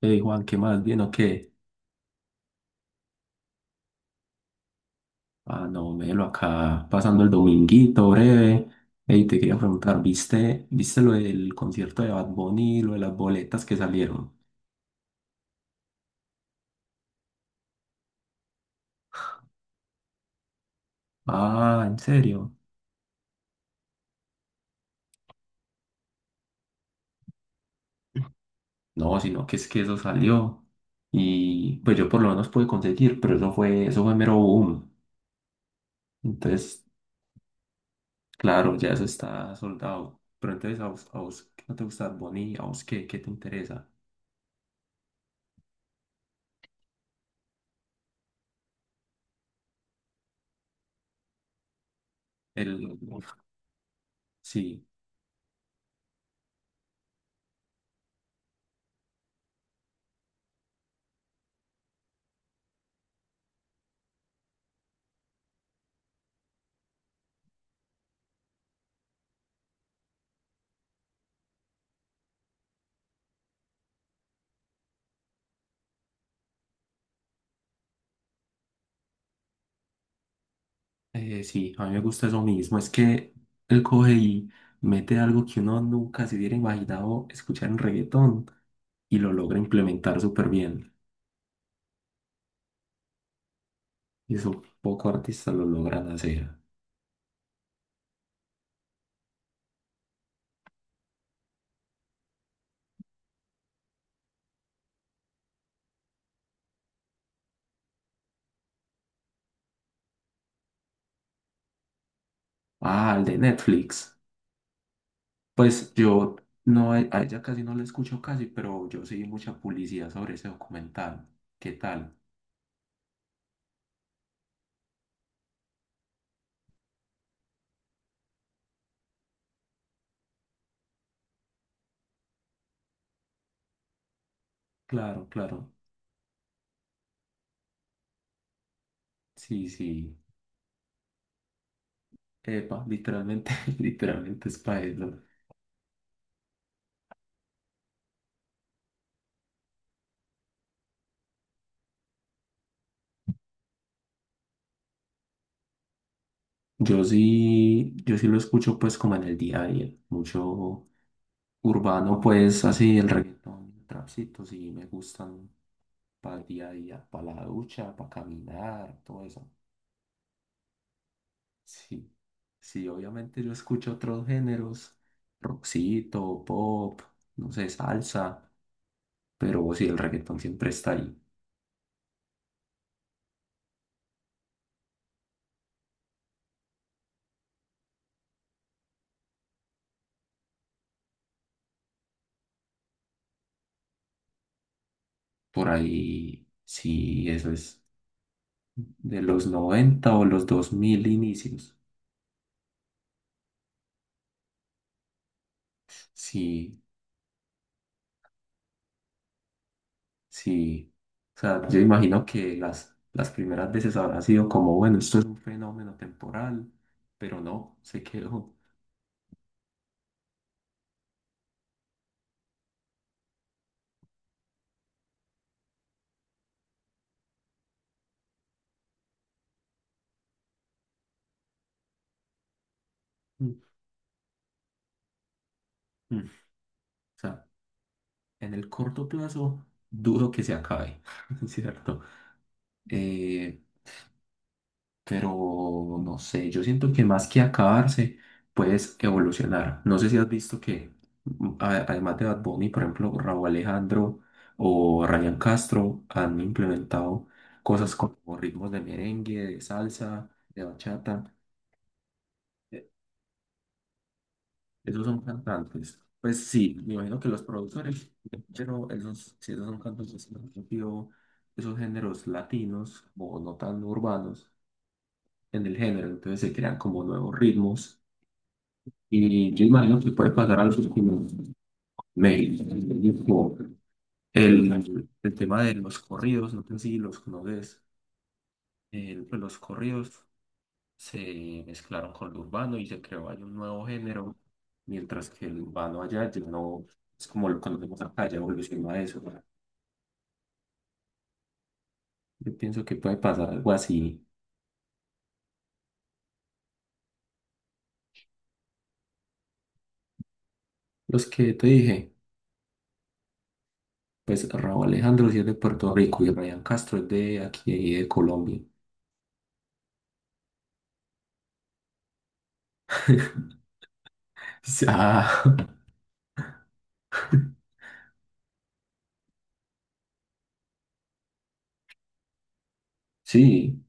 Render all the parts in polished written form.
Hey Juan, ¿qué más? ¿Bien o qué? Ah, no, Melo, acá pasando el dominguito breve. Hey, te quería preguntar, ¿viste lo del concierto de Bad Bunny, lo de las boletas que salieron? Ah, ¿en serio? No, sino que es que eso salió. Y pues yo por lo menos pude conseguir, pero eso fue mero boom. Entonces, claro, ya eso está soldado. Pero entonces, ¿a vos qué no te gusta Bad Bunny? ¿A vos qué te interesa? El, sí. Sí, a mí me gusta eso mismo. Es que él coge y mete algo que uno nunca se hubiera imaginado escuchar en reggaetón y lo logra implementar súper bien. Y eso pocos artistas lo logran hacer. Ah, el de Netflix. Pues yo no, a ella casi no la escucho casi, pero yo seguí mucha publicidad sobre ese documental. ¿Qué tal? Claro, claro. Sí, sí. Epa, literalmente, literalmente es para eso. Yo sí lo escucho pues como en el día a día, mucho urbano, pues así el reggaetón, el trapcito, sí me gustan para el día a día, para la ducha, para caminar, todo eso. Sí, sí, obviamente yo escucho otros géneros, rockcito, pop, no sé, salsa, pero sí, el reggaetón siempre está ahí. Por ahí, sí, eso es de los 90 o los 2000 inicios. Sí, sí, o sea, yo imagino que las primeras veces habrá sido como, bueno, esto es un fenómeno temporal, pero no, se quedó. Mm, mm. O sea, en el corto plazo, dudo que se acabe, ¿cierto? Eh, pero no sé, yo siento que más que acabarse, puedes evolucionar. No sé si has visto que además de Bad Bunny, por ejemplo, Raúl Alejandro o Ryan Castro han implementado cosas como ritmos de merengue, de salsa, de bachata. Eh, Esos son cantantes. Pues sí, me imagino que los productores, pero esos, si esos son cantantes, me refiero esos géneros latinos o no tan urbanos en el género, entonces se crean como nuevos ritmos. Y yo imagino que puede pasar algo que me dijo el tema de los corridos, no sé si los conoces, pues los corridos se mezclaron con lo urbano y se creó ahí un nuevo género, mientras que el urbano allá ya no es como lo conocemos acá, ya evolucionó a eso. Yo pienso que puede pasar algo así. Los que te dije, pues Raúl Alejandro sí es de Puerto Rico y Ryan Castro es de aquí, de Colombia. Ah, sí.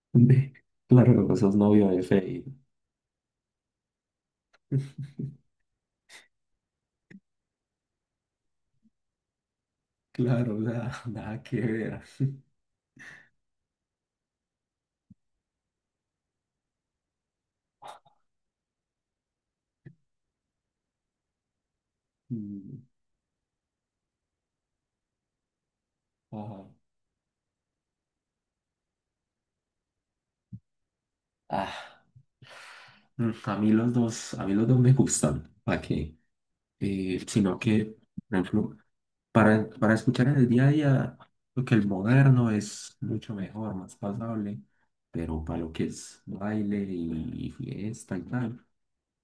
De- Claro, sos novio de Fey. Claro, o sea, nada que ver. Mm, ajá. Ah, a mí los dos, a mí los dos me gustan. ¿Para qué? Sino que, por ejemplo, para escuchar en el día a día, lo que el moderno es mucho mejor, más pasable, pero para lo que es baile y, fiesta y tal,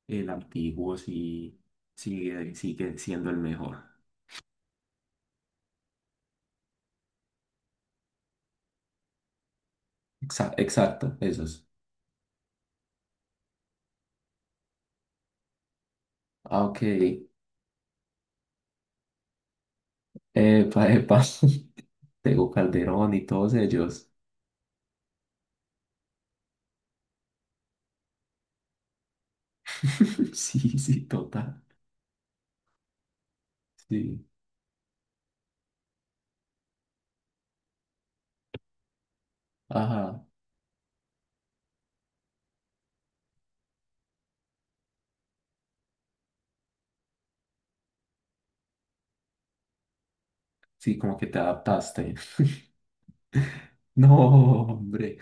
el antiguo sí sigue siendo el mejor. Exacto, esos. Ah, ok. Epa, epa. Tego Calderón y todos ellos. Sí, sí, total. Sí. Ajá. Sí, como que te adaptaste. No, hombre.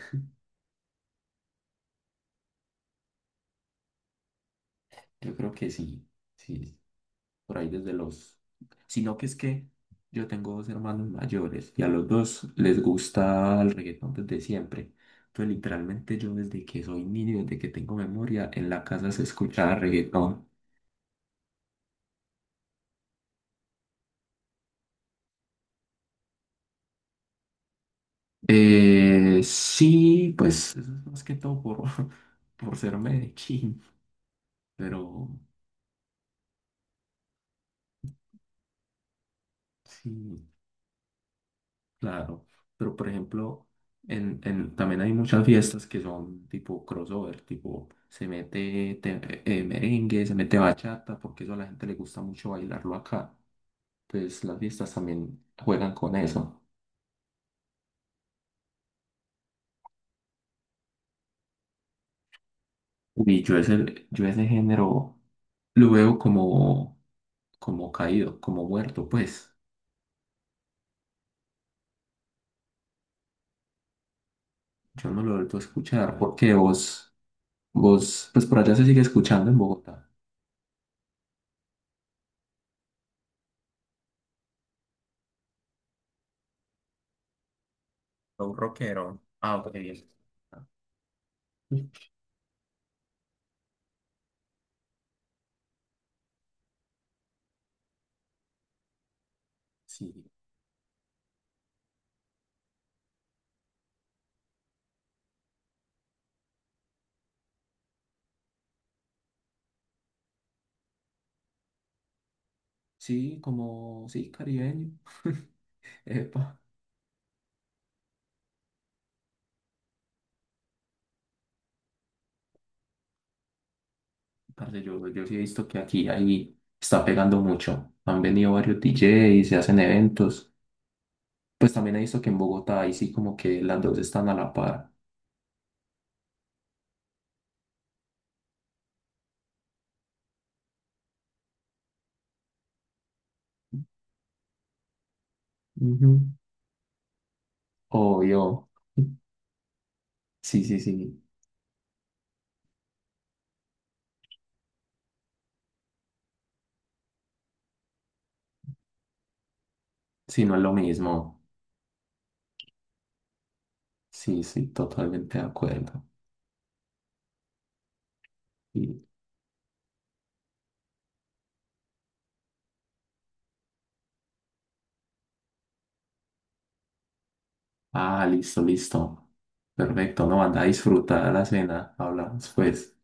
Yo creo que sí. Sí, por ahí desde los... Sino que es que yo tengo dos hermanos mayores y a los dos les gusta el reggaetón desde siempre. Entonces, literalmente yo desde que soy niño, desde que tengo memoria, en la casa se escuchaba reggaetón. Sí, pues eso es más que todo por, por ser Medellín, pero sí, claro. Pero por ejemplo, también hay muchas fiestas que son tipo crossover, tipo merengue, se mete bachata, porque eso a la gente le gusta mucho bailarlo acá. Entonces las fiestas también juegan con eso. Y yo ese género lo veo como caído, como muerto, pues. Yo no lo he vuelto a escuchar porque vos, pues por allá se sigue escuchando en Bogotá. Un rockero. Ah, ok, bien. Sí, sí, como, sí, caribeño. Epa, parce, yo sí he visto que aquí ahí está pegando mucho. Han venido varios DJs, se hacen eventos. Pues también he visto que en Bogotá ahí sí como que las dos están a la par. Ujú. Obvio. Sí, sí, sí. Sí, no es lo mismo. Sí, sí, totalmente de acuerdo. Ah, listo, listo. Perfecto, no, anda a disfrutar la cena. Hablamos pues.